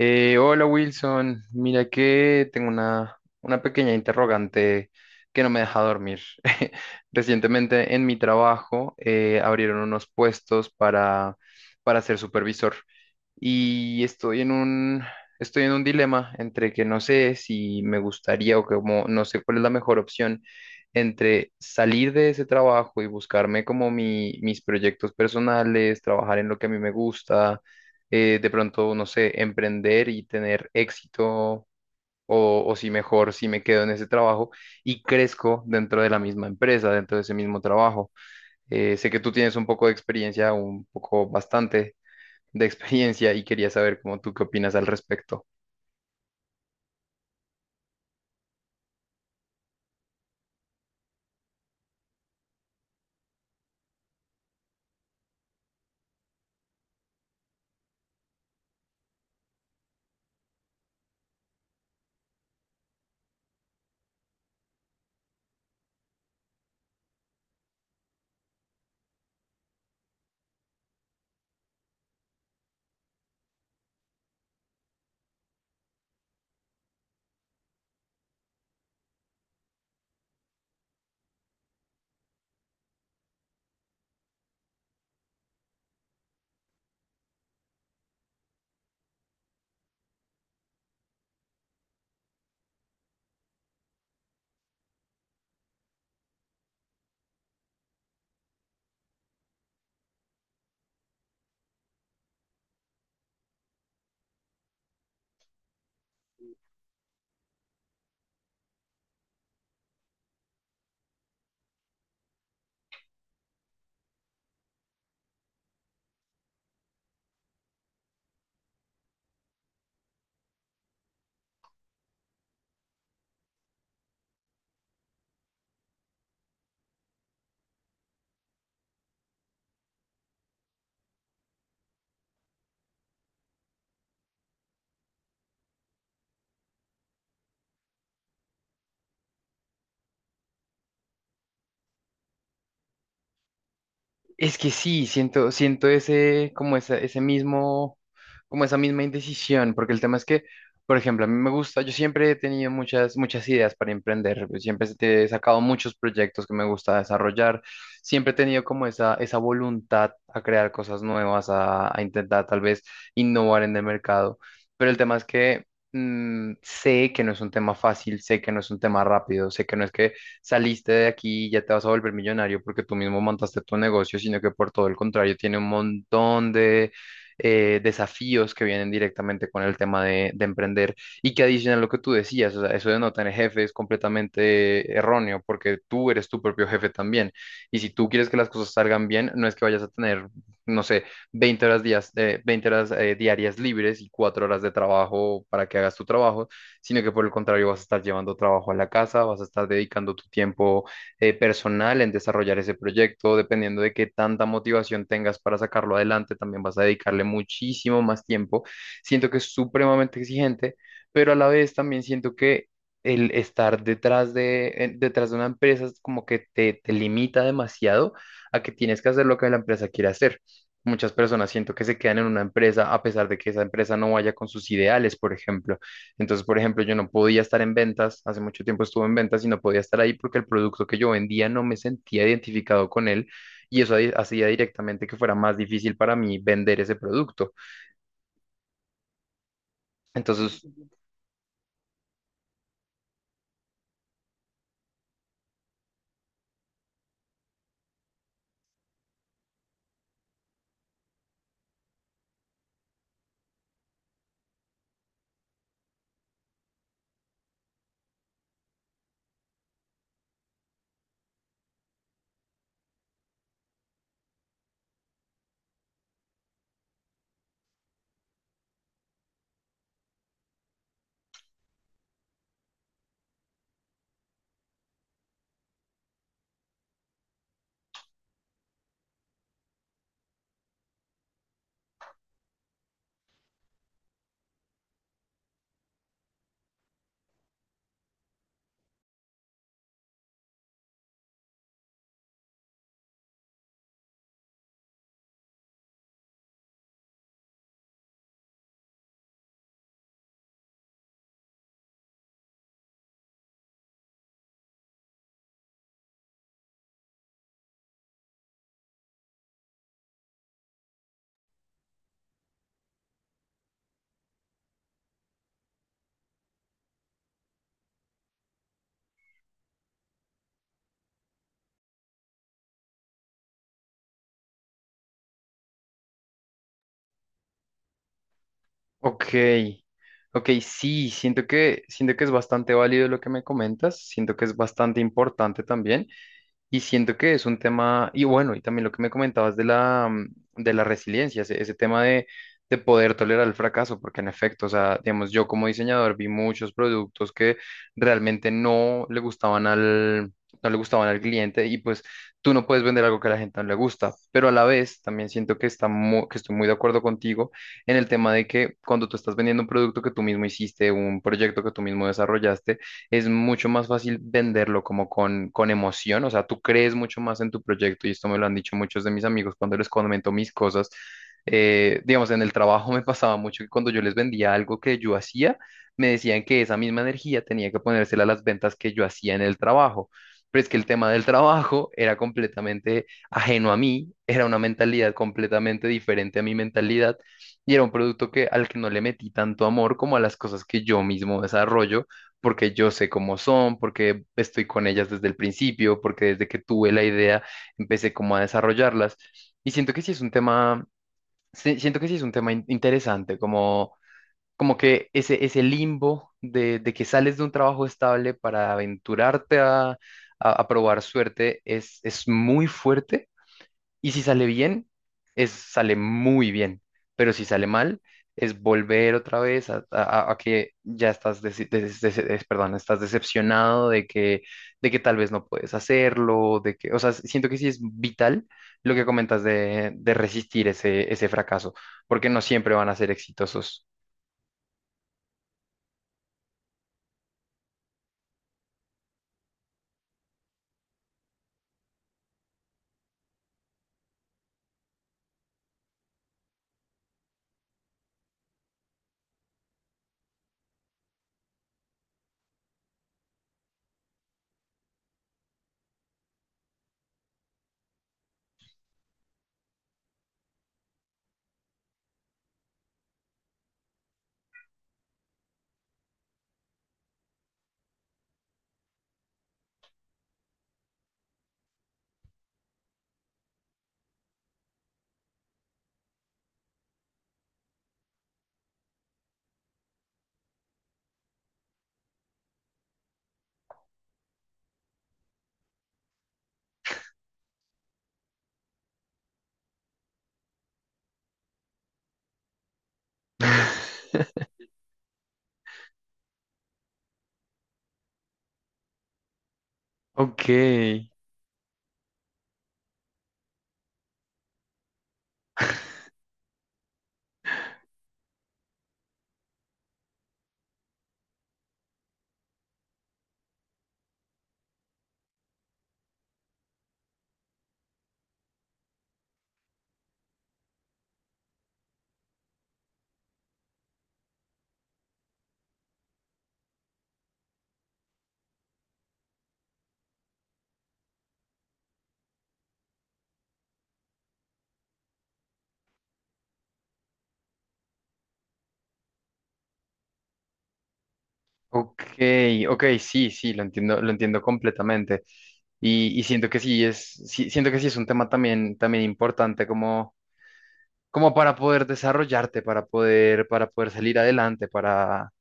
Hola Wilson, mira que tengo una pequeña interrogante que no me deja dormir. Recientemente en mi trabajo abrieron unos puestos para ser supervisor y estoy en un dilema entre que no sé si me gustaría o como no sé cuál es la mejor opción entre salir de ese trabajo y buscarme como mis proyectos personales, trabajar en lo que a mí me gusta de pronto, no sé, emprender y tener éxito, o si mejor, si me quedo en ese trabajo y crezco dentro de la misma empresa, dentro de ese mismo trabajo. Sé que tú tienes un poco de experiencia, un poco bastante de experiencia y quería saber cómo tú qué opinas al respecto. Es que sí, siento ese, ese mismo, como esa misma indecisión, porque el tema es que, por ejemplo, a mí me gusta, yo siempre he tenido muchas ideas para emprender, pues, siempre he sacado muchos proyectos que me gusta desarrollar, siempre he tenido como esa voluntad a crear cosas nuevas, a intentar tal vez innovar en el mercado, pero el tema es que sé que no es un tema fácil, sé que no es un tema rápido, sé que no es que saliste de aquí y ya te vas a volver millonario porque tú mismo montaste tu negocio, sino que por todo el contrario tiene un montón de desafíos que vienen directamente con el tema de emprender y que adicional a lo que tú decías, o sea, eso de no tener jefe es completamente erróneo porque tú eres tu propio jefe también. Y si tú quieres que las cosas salgan bien, no es que vayas a tener, no sé, 20 horas, días, 20 horas diarias libres y 4 horas de trabajo para que hagas tu trabajo, sino que por el contrario vas a estar llevando trabajo a la casa, vas a estar dedicando tu tiempo personal en desarrollar ese proyecto, dependiendo de qué tanta motivación tengas para sacarlo adelante, también vas a dedicarle muchísimo más tiempo. Siento que es supremamente exigente, pero a la vez también siento que el estar detrás detrás de una empresa es como que te limita demasiado a que tienes que hacer lo que la empresa quiere hacer. Muchas personas siento que se quedan en una empresa a pesar de que esa empresa no vaya con sus ideales, por ejemplo. Entonces, por ejemplo, yo no podía estar en ventas, hace mucho tiempo estuve en ventas y no podía estar ahí porque el producto que yo vendía no me sentía identificado con él y eso ahí hacía directamente que fuera más difícil para mí vender ese producto. Entonces, ok, ok, sí, siento que es bastante válido lo que me comentas, siento que es bastante importante también. Y siento que es un tema, y bueno, y también lo que me comentabas de la, de la resiliencia, ese tema de poder tolerar el fracaso, porque en efecto, o sea, digamos, yo como diseñador vi muchos productos que realmente no le gustaban no le gustaban al cliente y pues tú no puedes vender algo que a la gente no le gusta, pero a la vez también siento que, que estoy muy de acuerdo contigo en el tema de que cuando tú estás vendiendo un producto que tú mismo hiciste, un proyecto que tú mismo desarrollaste, es mucho más fácil venderlo como con emoción, o sea, tú crees mucho más en tu proyecto y esto me lo han dicho muchos de mis amigos cuando les comento mis cosas. Digamos, en el trabajo me pasaba mucho que cuando yo les vendía algo que yo hacía, me decían que esa misma energía tenía que ponérsela a las ventas que yo hacía en el trabajo. Pero es que el tema del trabajo era completamente ajeno a mí, era una mentalidad completamente diferente a mi mentalidad y era un producto que al que no le metí tanto amor como a las cosas que yo mismo desarrollo porque yo sé cómo son, porque estoy con ellas desde el principio, porque desde que tuve la idea empecé como a desarrollarlas. Y siento que sí es un tema, siento que sí es un tema interesante, como, como que ese limbo de que sales de un trabajo estable para aventurarte a probar suerte es muy fuerte y si sale bien, es, sale muy bien. Pero si sale mal, es volver otra vez a que ya estás, perdón, estás decepcionado de que tal vez no puedes hacerlo, de que, o sea, siento que sí es vital lo que comentas de resistir ese fracaso, porque no siempre van a ser exitosos. Ok, ok, ok, sí, sí, lo entiendo completamente. Y siento que sí siento que sí es un tema también, también importante como, como para poder desarrollarte, para poder salir adelante, para...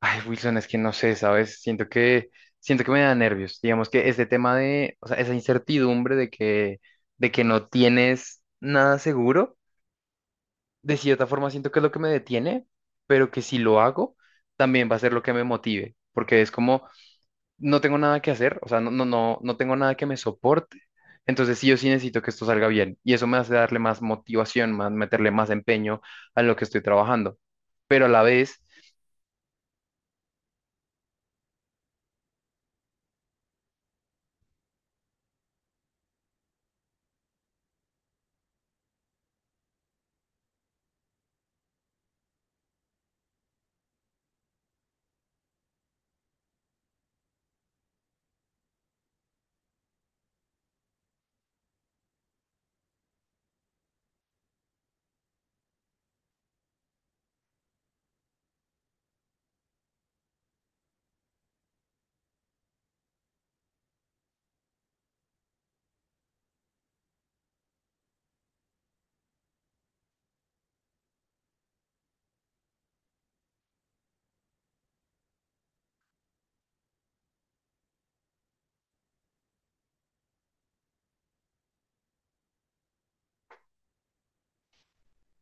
Ay, Wilson, es que no sé, ¿sabes? Siento que me da nervios. Digamos que este tema de, o sea, esa incertidumbre de que no tienes nada seguro, de cierta forma siento que es lo que me detiene, pero que si lo hago, también va a ser lo que me motive, porque es como no tengo nada que hacer, o sea, no tengo nada que me soporte. Entonces sí, yo sí necesito que esto salga bien y eso me hace darle más motivación, más meterle más empeño a lo que estoy trabajando. Pero a la vez,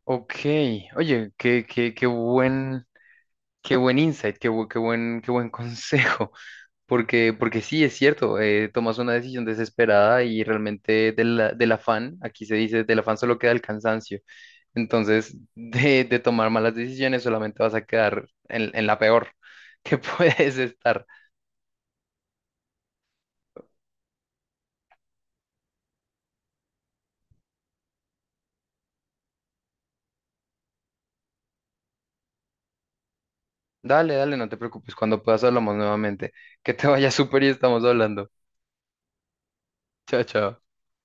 ok, oye, qué qué buen insight, qué buen consejo. Porque sí, es cierto, tomas una decisión desesperada y realmente del afán, aquí se dice, del afán solo queda el cansancio. Entonces, de tomar malas decisiones solamente vas a quedar en la peor que puedes estar. Dale, dale, no te preocupes, cuando puedas hablamos nuevamente. Que te vaya súper y estamos hablando. Chao, chao.